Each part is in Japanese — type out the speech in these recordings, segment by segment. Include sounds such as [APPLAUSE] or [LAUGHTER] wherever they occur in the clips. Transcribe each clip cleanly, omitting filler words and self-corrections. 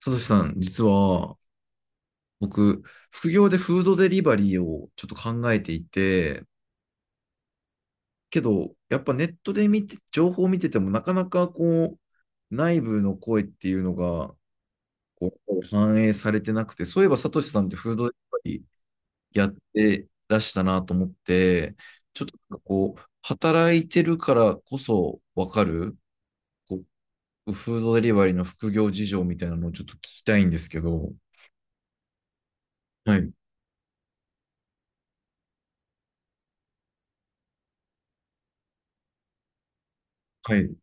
さとしさん、実は僕、副業でフードデリバリーをちょっと考えていて、けど、やっぱネットで見て、情報を見てても、なかなかこう、内部の声っていうのがこう反映されてなくて、そういえばさとしさんってフードデリバリーやってらしたなと思って、ちょっとなんかこう、働いてるからこそわかる、こう、フードデリバリーの副業事情みたいなのをちょっと聞きたいんですけど。はい、はい、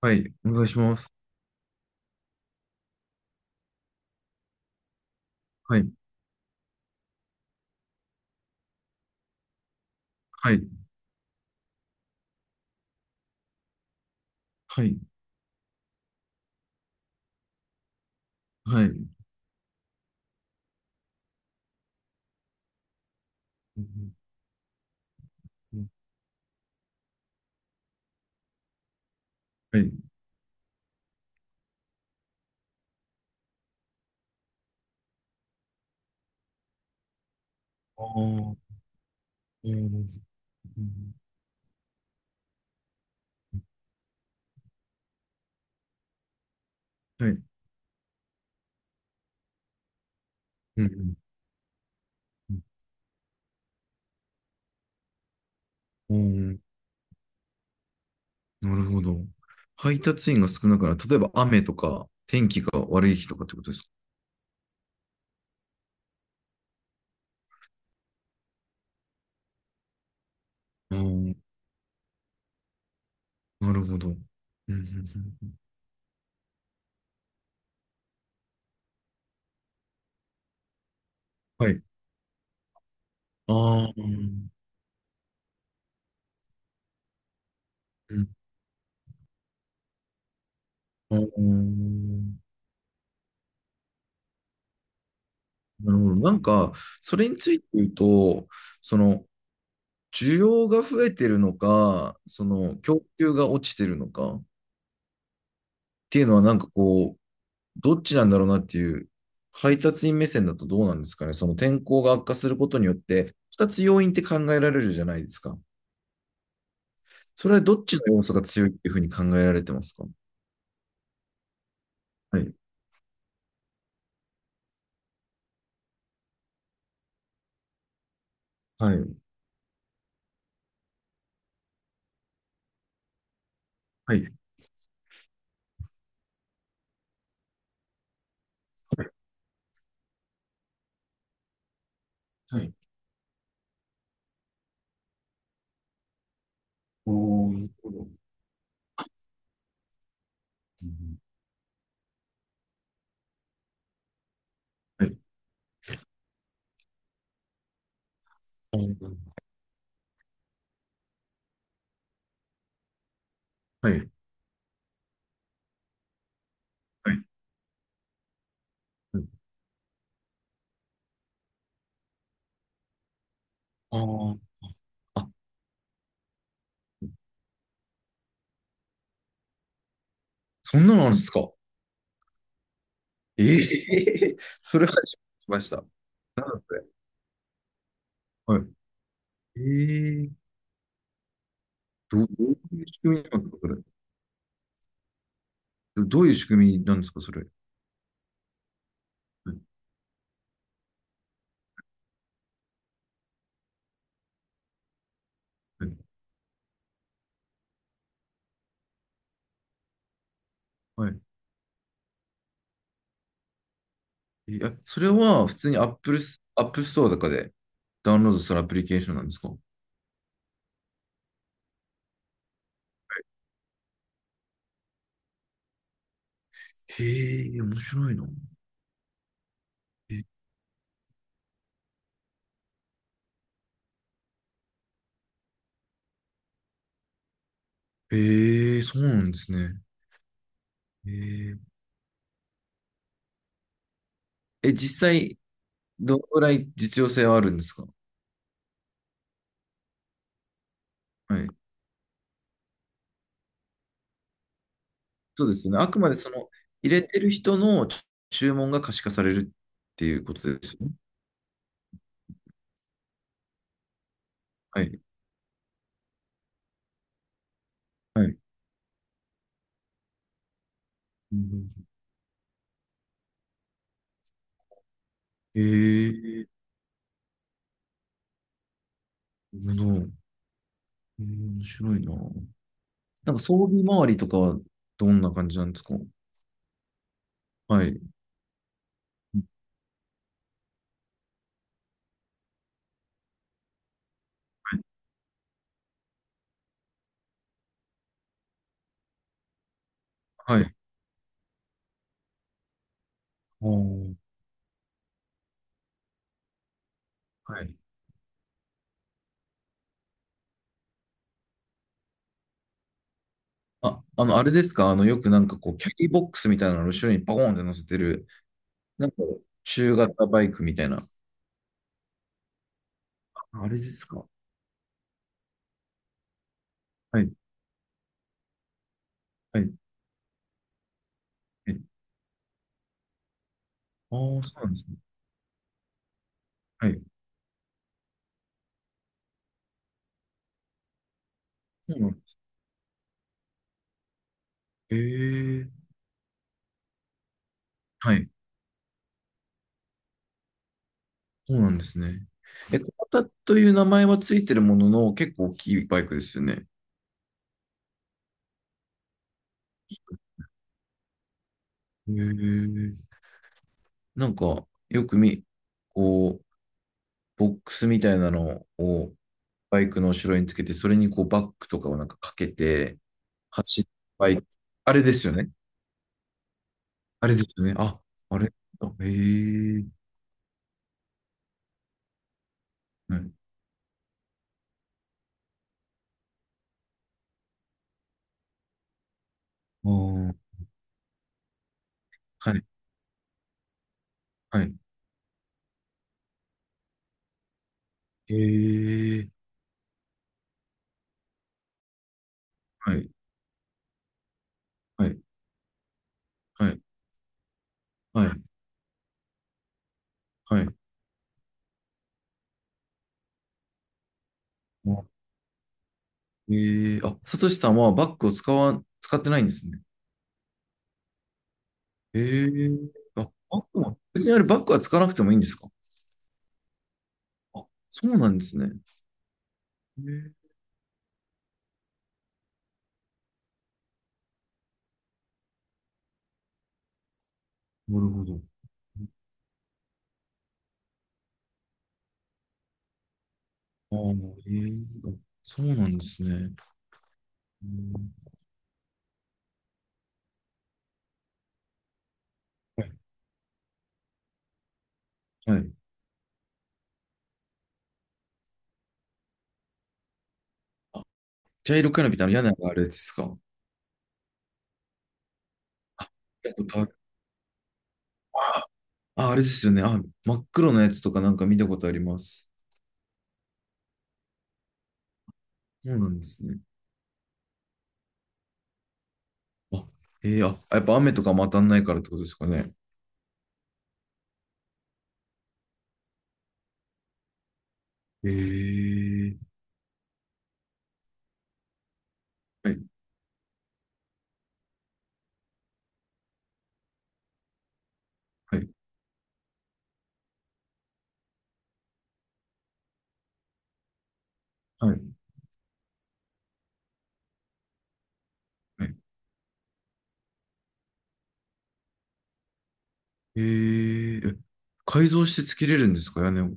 はい、お願いします。はい、はい、はい、はい。うん、うん、はい。ああ、うん、はい。うん、うん、うん、なるほど。配達員が少ないから、例えば雨とか、天気が悪い日とかってことですか？ああ、なるほど。うん、うん、うん、はい。ああ、うん、ああ、なるほど。なんか、それについて言うと、その、需要が増えてるのか、その、供給が落ちてるのかっていうのは、なんかこう、どっちなんだろうなっていう、配達員目線だとどうなんですかね。その天候が悪化することによって、2つ要因って考えられるじゃないですか。それはどっちの要素が強いっていうふうに考えられてますか？はい。はい。はい。はい。はい。おー、なるほど。うん、はい。はい。はい。はい、あー。あ、そんなのあるんですか？ええ [LAUGHS] それは初めて聞きました。なんで、はい。ええ。どういう仕組みなんですか、それ。どういう仕組みなんですか、それ。はい。はい、はい。え、それは普通に Apple、アップストアとかでダウンロードするアプリケーションなんですか？へえ、面白いな。え、へえ、そうなんですね。へえ、え、実際、どのぐらい実用性はあるんですか？はい。そうですよね。あくまでその、入れてる人の注文が可視化されるっていうことですよね。はい。はい。へえ、なるほど。面白いな。なんか装備周りとかはどんな感じなんですか？はい。はい。おー、はい。あ、あれですか？よくなんかこう、キャリーボックスみたいなの後ろにバコーンって乗せてる、なんか中型バイクみたいな。あれですか？はい。はい。はい。ああ、そうなんですね。はい。そうなんです。ええ。はい。そうなんですね。え、小型という名前はついてるものの、結構大きいバイクですよね。へ、なんか、よくみ、こう、ボックスみたいなのをバイクの後ろにつけて、それにこうバッグとかをなんかかけて、走ったバイク。あれですよね。あれですよね。あ、あれ。あ、へえ。はい。あー、はい。はい。へえ。はい。はい。はい。はい。はい。あ、へえ。あ、サトシさんはバッグを使ってないんですね。へえ。あ、バッグは、別にあれバッグは使わなくてもいいんですか？あ、そうなんですね。へえ。なるほど。ああ、へえ。あ、そうなんですね。うん、はい。はい。あ、ジャイロカーナビってあの屋根があれですか？あ、あれですよね。あ、真っ黒なやつとかなんか見たことあります。そうなんですね。あ、あ、やっぱ雨とかも当たんないからってことですかね。えー、はい、はい、はい、はい。えー、え改造してつけれるんですか、屋根を。[LAUGHS]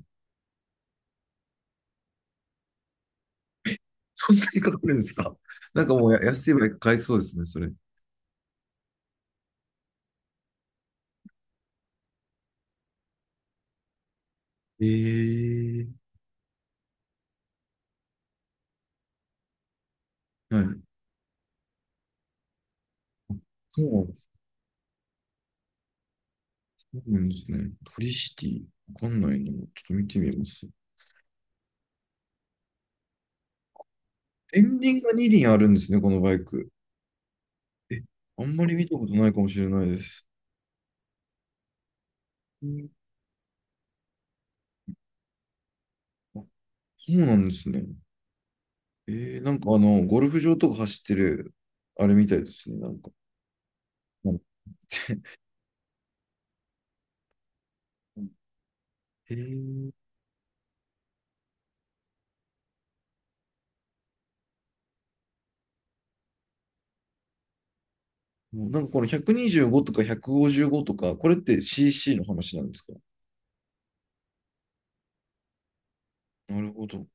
そんなにかかるんですか。[LAUGHS] なんかもうや安いぐらい買えそうですね、それ。えー、はい。そうなんです。そうなんですね。トリシティ。わかんないな。ちょっと見てみます。エンディングが2輪あるんですね、このバイク。え、あんまり見たことないかもしれないです。うん、あ、そうなんですね。なんか、あの、ゴルフ場とか走ってる、あれみたいですね。なんか、なんかえー、もうなんかこの125とか155とか、これって CC の話なんですか？なるほど。